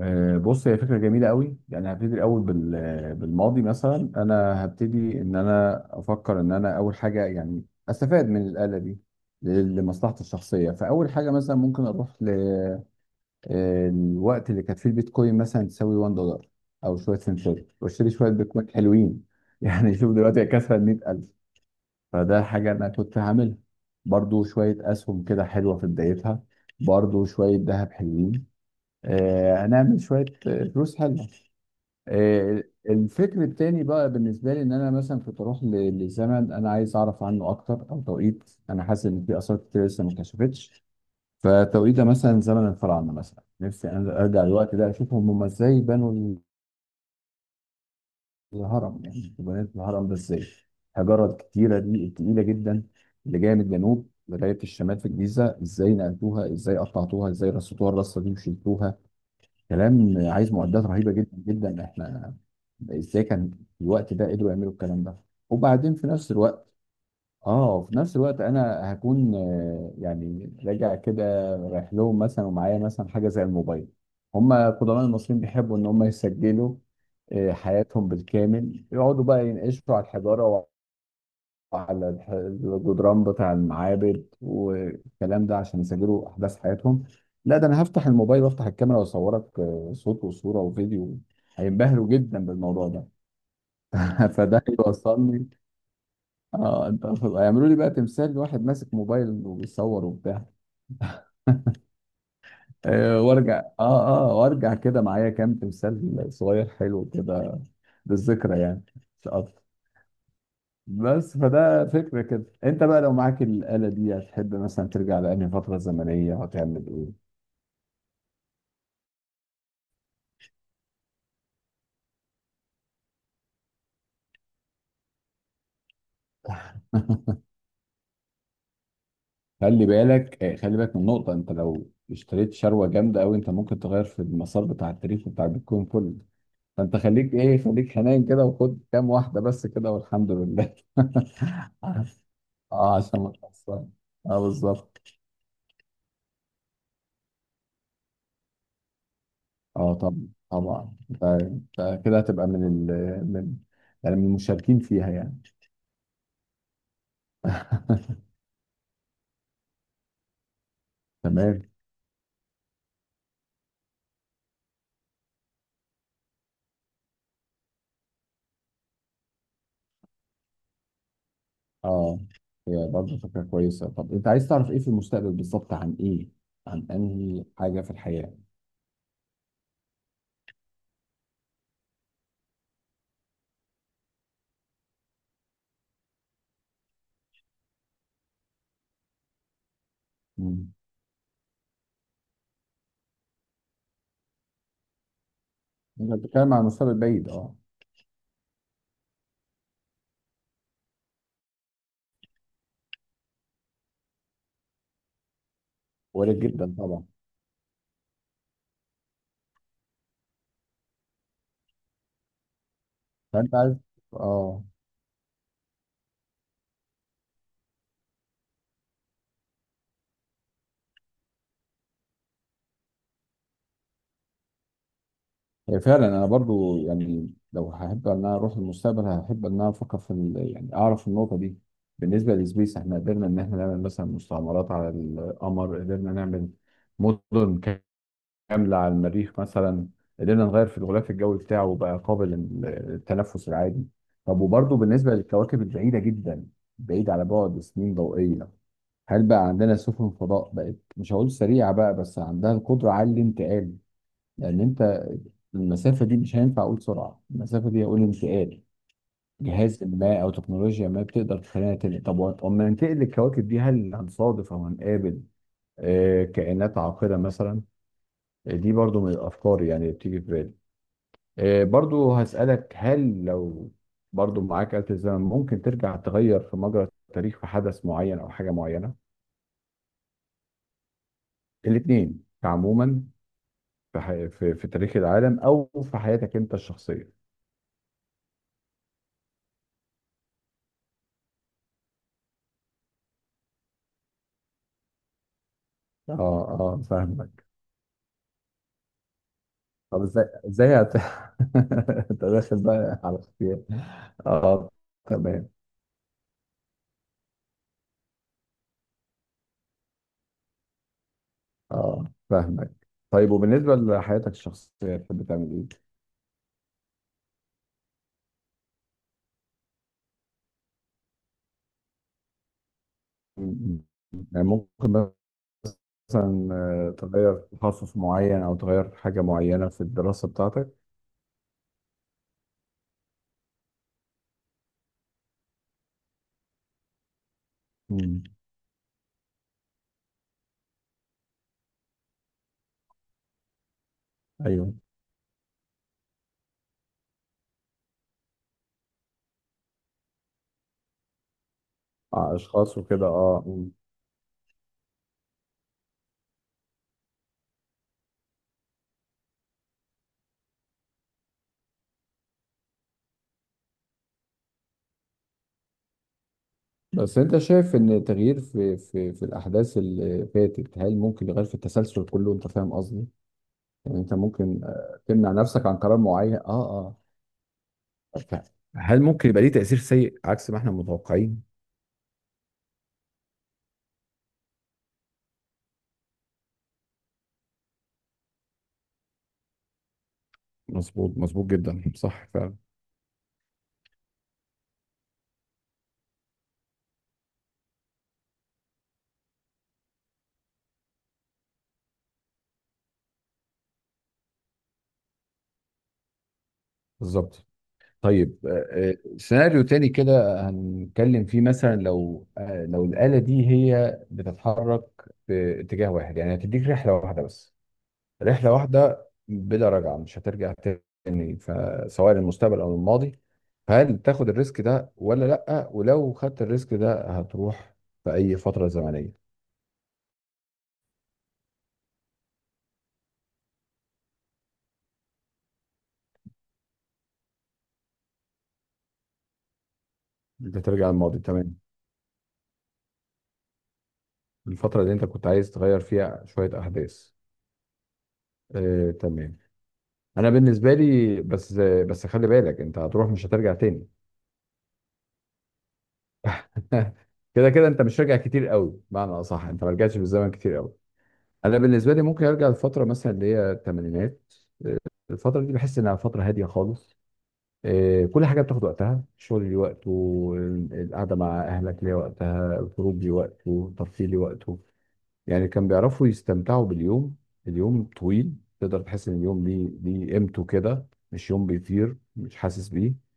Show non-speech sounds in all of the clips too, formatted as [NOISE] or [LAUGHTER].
بص، هي فكرة جميلة قوي. يعني هبتدي الأول بالماضي. مثلا أنا هبتدي إن أنا أفكر إن أنا أول حاجة يعني أستفاد من الآلة دي لمصلحتي الشخصية. فأول حاجة مثلا ممكن أروح للوقت اللي كانت فيه البيتكوين مثلا تساوي 1 دولار أو شوية سنتات، وأشتري شوية بيتكوين حلوين. [LAUGHS] يعني شوف دلوقتي هي كسرت 100,000. فده حاجة أنا كنت هعملها. برضو شوية أسهم كده حلوة في بدايتها، برضو شوية ذهب حلوين. هنعمل شوية فلوس حلوة. آه، الفكر التاني بقى بالنسبة لي إن أنا مثلا كنت أروح لزمن أنا عايز أعرف عنه أكتر، أو توقيت أنا حاسس إن في آثار كتير لسه ما اتكشفتش. فتوقيت ده مثلا زمن الفراعنة، مثلا نفسي أنا أرجع الوقت ده أشوف هم إزاي بنوا الهرم. يعني بنيت الهرم ده إزاي؟ الحجارة الكتيرة دي التقيلة جدا اللي جاية من الجنوب لغاية الشمال في الجيزة، إزاي نقلتوها؟ إزاي قطعتوها؟ إزاي رصتوها الرصة دي وشلتوها؟ كلام عايز معدات رهيبه جدا جدا. احنا ازاي كان في الوقت ده قدروا يعملوا الكلام ده؟ وبعدين في نفس الوقت، اه، في نفس الوقت انا هكون يعني راجع كده. رايح لهم مثلا ومعايا مثلا حاجه زي الموبايل. هم قدماء المصريين بيحبوا ان هم يسجلوا حياتهم بالكامل، يقعدوا بقى ينقشوا على الحجاره، على الح- الجدران بتاع المعابد والكلام ده، عشان يسجلوا احداث حياتهم. لا، ده انا هفتح الموبايل وافتح الكاميرا واصورك، صوت وصوره وفيديو. هينبهروا جدا بالموضوع ده. [LAUGHS] فده يوصلني. اه انت، هيعملوا لي بقى تمثال لواحد ماسك موبايل وبيصور وبتاع. وارجع كده معايا كام تمثال صغير حلو كده، بالذكرى يعني. مش أكتر. بس فده فكرة. كده انت بقى، لو معاك الآلة دي هتحب مثلا ترجع لأنهي فترة زمنية؟ هتعمل ايه؟ [LAUGHS] خلي بالك، خلي بالك من نقطة. انت لو اشتريت شروة جامدة قوي، انت ممكن تغير في المسار بتاع التاريخ بتاع البيتكوين كله. فانت خليك ايه، خليك حنين كده وخد كام واحدة بس كده، والحمد لله. [LAUGHS] اه، عشان ما تخسرش. اه، بالظبط. اه طبعا طبعا. انت كده هتبقى من ال من يعني من المشاركين فيها، يعني. [LAUGHS] تمام. اه، هي برضه فكرة كويسة. طب انت عايز تعرف ايه في المستقبل بالظبط؟ عن ايه؟ عن انهي حاجة في الحياة؟ مم. انت بتتكلم عن المستقبل بعيد؟ اه، وارد جدا طبعا. فانت عايز، اه. هي فعلا انا برضو يعني لو هحب ان انا اروح للمستقبل، هحب ان انا افكر في ال... يعني اعرف النقطة دي. بالنسبة للسبيس، احنا قدرنا ان احنا نعمل مثلا مستعمرات على القمر، قدرنا نعمل مدن كاملة على المريخ مثلا، قدرنا نغير في الغلاف الجوي بتاعه وبقى قابل للتنفس العادي. طب وبرضه بالنسبة للكواكب البعيدة جدا، بعيد على بعد سنين ضوئية، هل بقى عندنا سفن فضاء بقت، مش هقول سريعة بقى، بس عندها القدرة على الانتقال؟ لأن أنت المسافة دي مش هينفع أقول سرعة، المسافة دي هقول انتقال. جهاز ما أو تكنولوجيا ما بتقدر تخلينا تنقل. طب أما ننتقل للكواكب دي، هل هنصادف أو هنقابل كائنات عاقلة مثلا؟ دي برضو من الأفكار يعني اللي بتيجي في بالي. برضو هسألك، هل لو برضو معاك آلة الزمن، ممكن ترجع تغير في مجرى التاريخ، في حدث معين أو حاجة معينة؟ الاتنين عموما. في تاريخ العالم، أو في حياتك أنت الشخصية. اه، اه، فاهمك. طب ازاي ازاي [LAUGHS] انت داخل بقى على اختيار. اه، تمام. اه، فاهمك. طيب وبالنسبة لحياتك الشخصية، تحب تعمل ايه؟ م- م- يعني ممكن مثلا تغير تخصص معين او تغير حاجه معينه في الدراسه بتاعتك. مم. ايوه. مع اشخاص وكده، اه. مم. بس انت شايف ان التغيير في في الاحداث اللي فاتت، هل ممكن يغير في التسلسل كله؟ انت فاهم قصدي؟ يعني انت ممكن تمنع نفسك عن قرار معين. اه، اه. ف- هل ممكن يبقى ليه تأثير سيء عكس ما احنا متوقعين؟ مظبوط، مظبوط جدا، صح فعلا. بالظبط. طيب سيناريو تاني كده هنتكلم فيه. مثلا لو لو الآلة دي هي بتتحرك في اتجاه واحد، يعني هتديك رحلة واحدة بس، رحلة واحدة بلا رجعة، مش هترجع تاني، فسواء للمستقبل أو الماضي. فهل تاخد الريسك ده ولا لأ؟ ولو خدت الريسك ده، هتروح في أي فترة زمنية؟ انت ترجع الماضي. تمام. الفترة اللي انت كنت عايز تغير فيها شوية أحداث؟ تمام. انا بالنسبه لي، بس، بس خلي بالك، انت هتروح مش هترجع تاني. [LAUGHS] كده كده انت مش راجع كتير قوي. بمعنى اصح، انت ما رجعتش بالزمن كتير قوي. انا بالنسبه لي ممكن ارجع لفتره مثلا اللي هي الثمانينات. الفتره دي بحس انها فتره هاديه خالص. إيه، كل حاجه بتاخد وقتها. الشغل ليه وقته، القعده مع اهلك ليه وقتها، الخروج ليه وقته، الترفيه ليه وقته. يعني كان بيعرفوا يستمتعوا باليوم. اليوم طويل، تقدر تحس ان اليوم ليه قيمته كده. مش يوم بيطير مش حاسس بيه.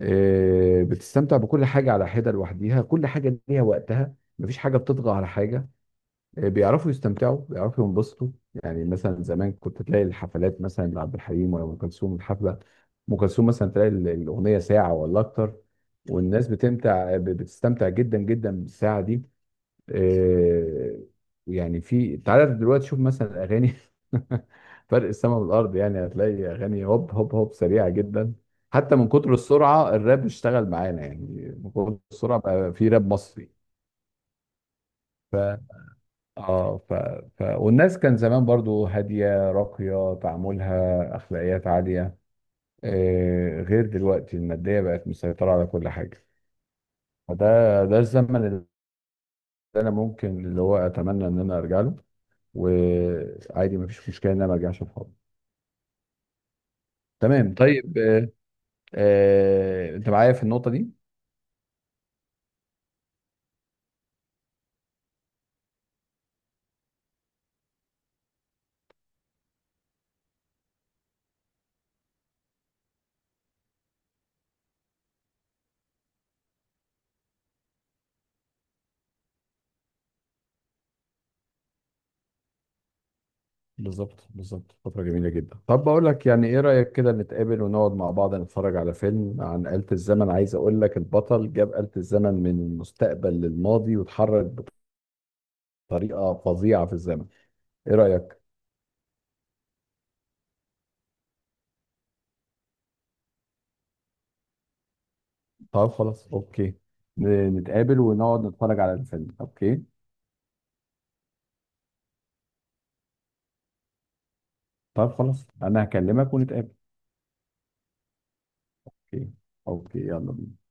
بتستمتع بكل حاجة على حدة لوحديها. كل حاجة ليها وقتها، مفيش حاجة بتطغى على حاجة. بيعرفوا يستمتعوا، بيعرفوا ينبسطوا. يعني مثلا زمان كنت تلاقي الحفلات، مثلا لعبد الحليم ولا أم كلثوم، الحفلة أم كلثوم مثلا تلاقي الأغنية ساعة ولا أكتر. والناس بتستمتع جدا جدا بالساعة دي. آه، يعني في، تعالى دلوقتي شوف مثلا الاغاني. [LAUGHS] فرق السما والارض. يعني هتلاقي اغاني هوب هوب هوب، سريعه جدا. حتى من كتر السرعه، الراب اشتغل معانا يعني. من كتر السرعه بقى في راب مصري. ف اه ف... ف والناس كان زمان برضو هاديه راقيه، تعاملها اخلاقيات عاليه. غير دلوقتي الماديه بقت مسيطره على كل حاجه. فده ده الزمن اللي انا ممكن، اللي هو، اتمنى ان انا ارجع له. وعادي مفيش مشكله ان انا ما ارجعش بحاضر. تمام. طيب انت معايا في النقطه دي؟ بالظبط، بالظبط. فتره جميله جدا. طب بقول لك يعني، ايه رايك كده نتقابل ونقعد مع بعض نتفرج على فيلم عن آلة الزمن؟ عايز اقول لك البطل جاب آلة الزمن من المستقبل للماضي، واتحرك بطريقه فظيعه في الزمن. ايه رايك؟ طب خلاص، اوكي. نتقابل ونقعد نتفرج على الفيلم، اوكي. طب خلاص انا هكلمك ونتقابل. اوكي. اوكي، يلا بينا.